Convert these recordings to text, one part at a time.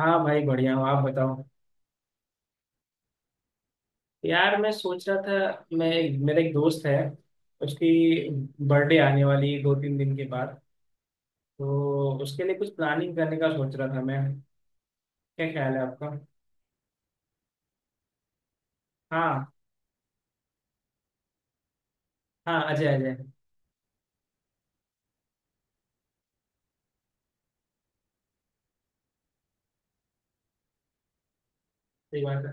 हाँ भाई, बढ़िया हूँ। आप बताओ। यार, मैं सोच रहा था, मैं मेरा एक दोस्त है, उसकी बर्थडे आने वाली है 2-3 दिन के बाद, तो उसके लिए कुछ प्लानिंग करने का सोच रहा था मैं। क्या ख्याल है आपका? हाँ हाँ, अजय, अजय। सही बात है।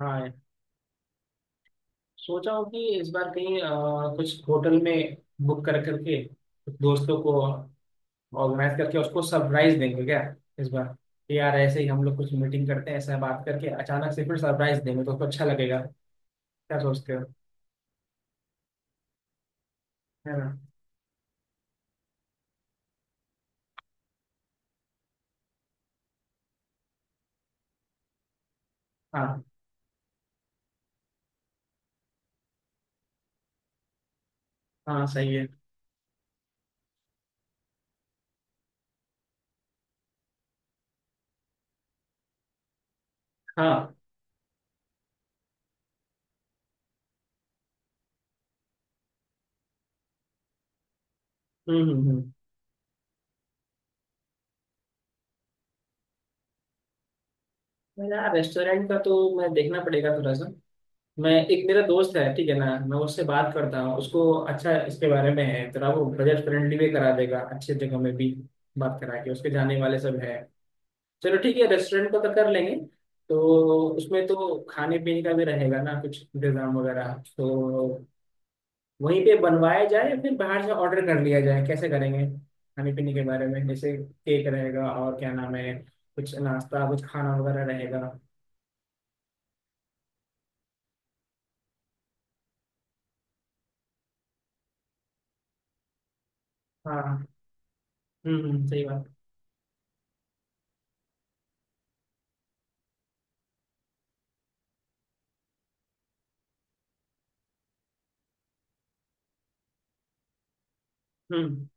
हाँ, सोचा हूँ कि इस बार कहीं कुछ होटल में बुक कर करके कुछ दोस्तों को ऑर्गेनाइज करके उसको सरप्राइज देंगे क्या इस बार, कि यार ऐसे ही हम लोग कुछ मीटिंग करते हैं ऐसा बात करके अचानक से फिर सरप्राइज देंगे तो उसको अच्छा लगेगा। क्या सोचते हो? है ना? हाँ। हाँ, सही है। हाँ। हम्म, हम्म, हम्म। मेरा रेस्टोरेंट का तो, मैं देखना पड़ेगा थोड़ा सा। मैं एक, मेरा दोस्त है, ठीक है ना, मैं उससे बात करता हूँ, उसको अच्छा इसके बारे में है, थोड़ा वो बजट फ्रेंडली भी करा देगा अच्छी जगह में भी। बात करा के उसके जाने वाले सब है। चलो ठीक है, रेस्टोरेंट का तो कर लेंगे। तो उसमें तो खाने पीने का भी रहेगा ना कुछ इंतजाम वगैरह, तो वहीं पे बनवाया जाए या फिर बाहर से ऑर्डर कर लिया जाए, कैसे करेंगे? खाने पीने के बारे में, जैसे केक रहेगा और क्या नाम है, कुछ नाश्ता कुछ खाना वगैरह रहेगा। हाँ। सही बात। हम्म।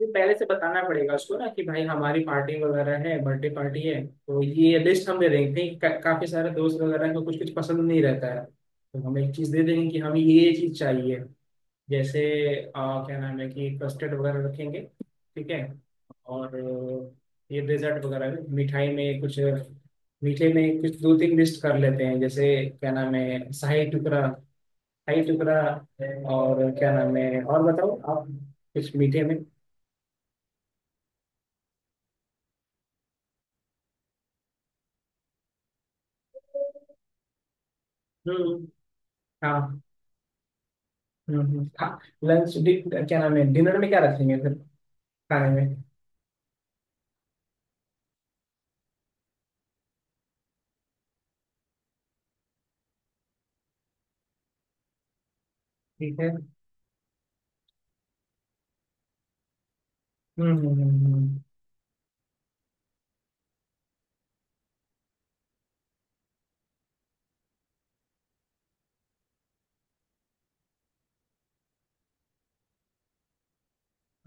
ये पहले से बताना पड़ेगा उसको ना, कि भाई हमारी पार्टी वगैरह है, बर्थडे पार्टी है, तो ये लिस्ट हम दे देंगे, कहीं का, काफी सारे दोस्त वगैरह को कुछ कुछ पसंद नहीं रहता है, तो हम एक चीज दे देंगे कि हमें ये चीज चाहिए, जैसे क्या नाम है कि कस्टर्ड वगैरह रखेंगे, ठीक है। और ये डेजर्ट वगैरह में, मिठाई में कुछ, मीठे में कुछ दो तीन लिस्ट कर लेते हैं, जैसे क्या नाम है, शाही टुकड़ा, शाही टुकड़ा, और क्या नाम है, और बताओ आप कुछ मीठे में। हम्म। हाँ। हाँ। लंच, क्या नाम है, डिनर में क्या रखेंगे फिर, खाने में? ठीक है। हम्म हम्म हम्म, हम्म।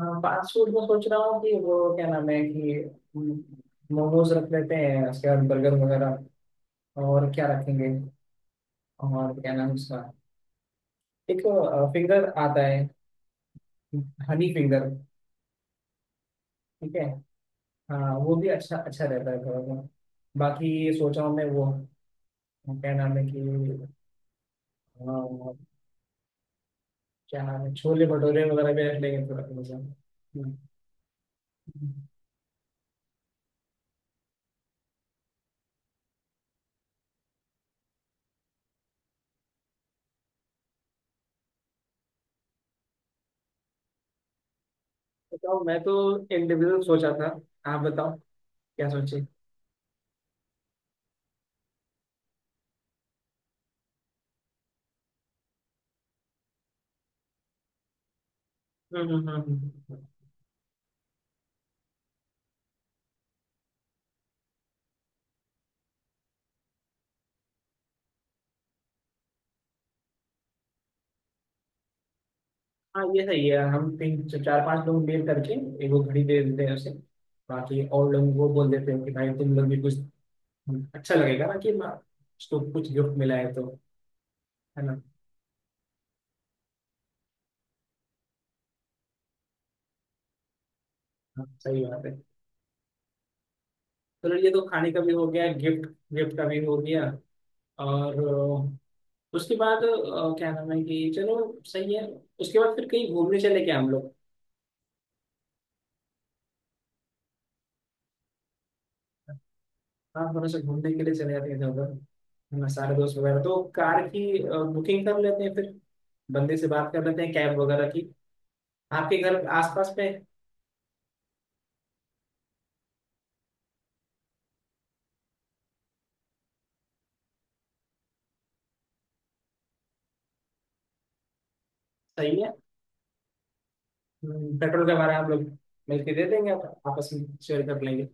हाँ, फास्ट फूड में सोच रहा हूँ कि वो क्या नाम है कि मोमोज रख लेते हैं, उसके बाद बर्गर वगैरह, और क्या रखेंगे, और क्या नाम है उसका, एक फिंगर आता है, हनी फिंगर। ठीक है। हाँ, वो भी अच्छा अच्छा रहता है थोड़ा सा। बाकी सोच रहा हूँ मैं, वो क्या नाम है कि अ, क्या नाम है, छोले भटूरे वगैरह भी रख लेंगे थोड़ा थोड़ा सा। हम्म। बताओ, मैं तो इंडिविजुअल सोचा था, आप बताओ क्या सोचे। हम्म, हम्म, हम्म, हम्म। हाँ, ये सही है, हम तीन चार पांच लोग मिल करके एक वो घड़ी दे देते हैं उसे, बाकी और लोगों को बोल देते हैं कि भाई तुम लोग भी कुछ। अच्छा लगेगा ना कि माँ उसको कुछ गिफ्ट मिला है तो, है ना? हाँ, सही बात है। चलो, ये तो खाने का भी हो गया, गिफ्ट, गिफ्ट का भी हो गया। और उसके बाद क्या नाम है कि चलो, सही है। उसके बाद फिर कहीं घूमने चले क्या हम लोग? हाँ, थोड़ा सा घूमने के लिए चले जाते हैं इधर उधर, है ना, सारे दोस्त वगैरह तो कार की बुकिंग कर लेते हैं फिर, बंदे से बात कर लेते हैं कैब वगैरह की, आपके घर आसपास पे। सही है। पेट्रोल का भाड़ा हम लोग मिलके दे देंगे, आपस में शेयर कर लेंगे।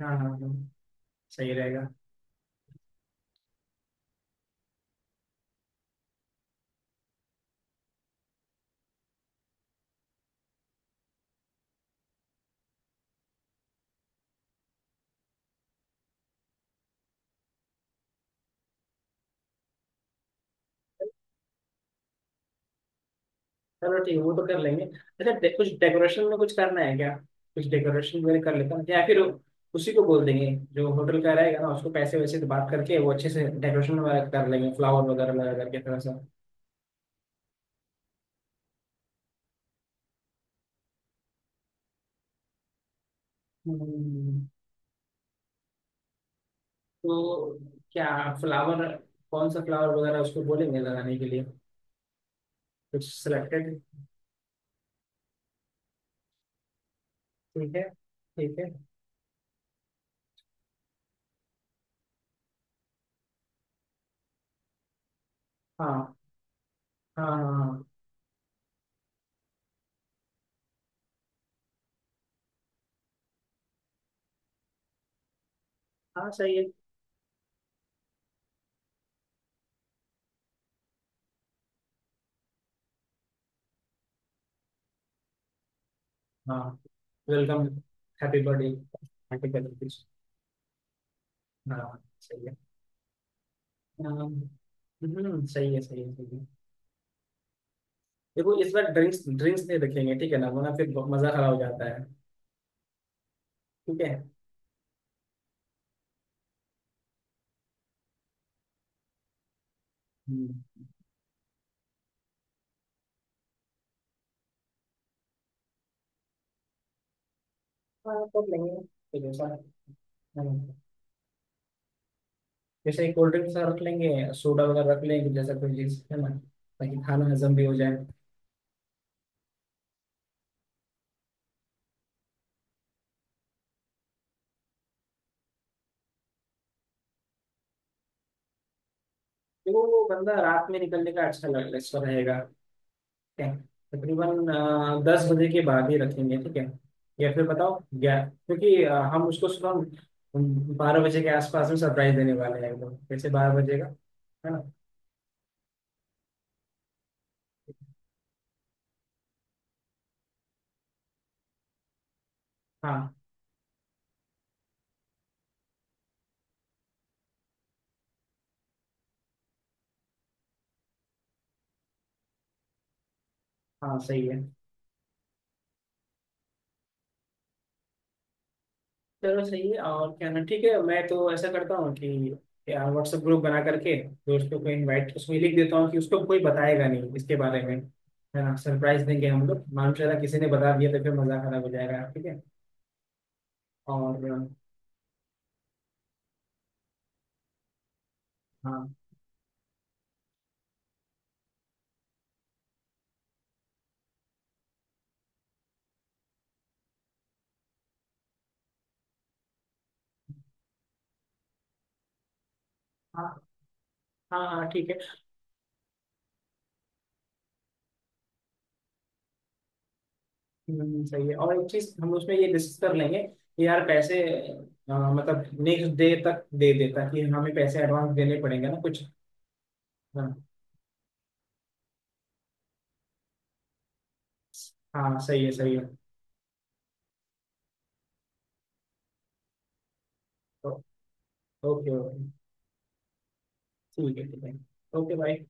हाँ हाँ हाँ, सही रहेगा। चलो ठीक है, वो तो कर लेंगे। अच्छा, कुछ डेकोरेशन में कुछ करना है क्या? कुछ डेकोरेशन वगैरह कर लेता हूँ, या फिर उसी को बोल देंगे जो होटल का रहेगा ना, उसको पैसे वैसे तो बात करके, वो अच्छे से डेकोरेशन वगैरह कर लेंगे, फ्लावर वगैरह लगा करके थोड़ा सा। हम्म, तो क्या, फ्लावर, कौन सा फ्लावर वगैरह उसको बोलेंगे लगाने के लिए, कुछ सिलेक्टेड? ठीक है, ठीक है। हाँ। हाँ हाँ हाँ। हाँ सही है। हाँ, वेलकम, हैप्पी बर्थडे आर्टिकल। हाँ, सही है। अम, हम्म, सही है, सही है, सही है। देखो, इस बार ड्रिंक्स, ड्रिंक्स नहीं रखेंगे, ठीक है ना, वरना फिर बहुत मजा खराब हो जाता है। ठीक है। हम्म, हाँ कर लेंगे तो जैसा। हम्म, जैसे कोल्ड ड्रिंक्स रख लेंगे, सोडा वगैरह रख लेंगे, जैसा कोई चीज है ना, ताकि खाना हजम भी हो जाए। देखो वो बंदा रात में निकलने का अच्छा अच्छा रहेगा है। तकरीबन 10 बजे के बाद ही रखेंगे, ठीक है। या फिर बताओ 11, क्योंकि हम उसको सुबह 12 बजे के आसपास में सरप्राइज देने वाले हैं, एकदम जैसे 12 बजे का, है ना? हाँ हाँ सही है। चलो सही है, और क्या ना, ठीक है, मैं तो ऐसा करता हूँ कि व्हाट्सएप ग्रुप बना करके दोस्तों को इनवाइट उसमें लिख देता हूँ कि उसको कोई बताएगा नहीं इसके बारे में, है ना, सरप्राइज देंगे हम लोग, मालूम चला किसी ने बता दिया तो फिर मजा खराब हो जाएगा, ठीक है। और हाँ। हाँ हाँ हाँ, ठीक है। सही है, और एक चीज हम उसमें ये डिस्कस कर लेंगे कि यार पैसे मतलब नेक्स्ट डे तक दे देता कि हमें पैसे एडवांस देने पड़ेंगे ना कुछ। हाँ। हाँ सही है, सही है। तो ओके, ओके। ठीक है, ठीक है। ओके भाई।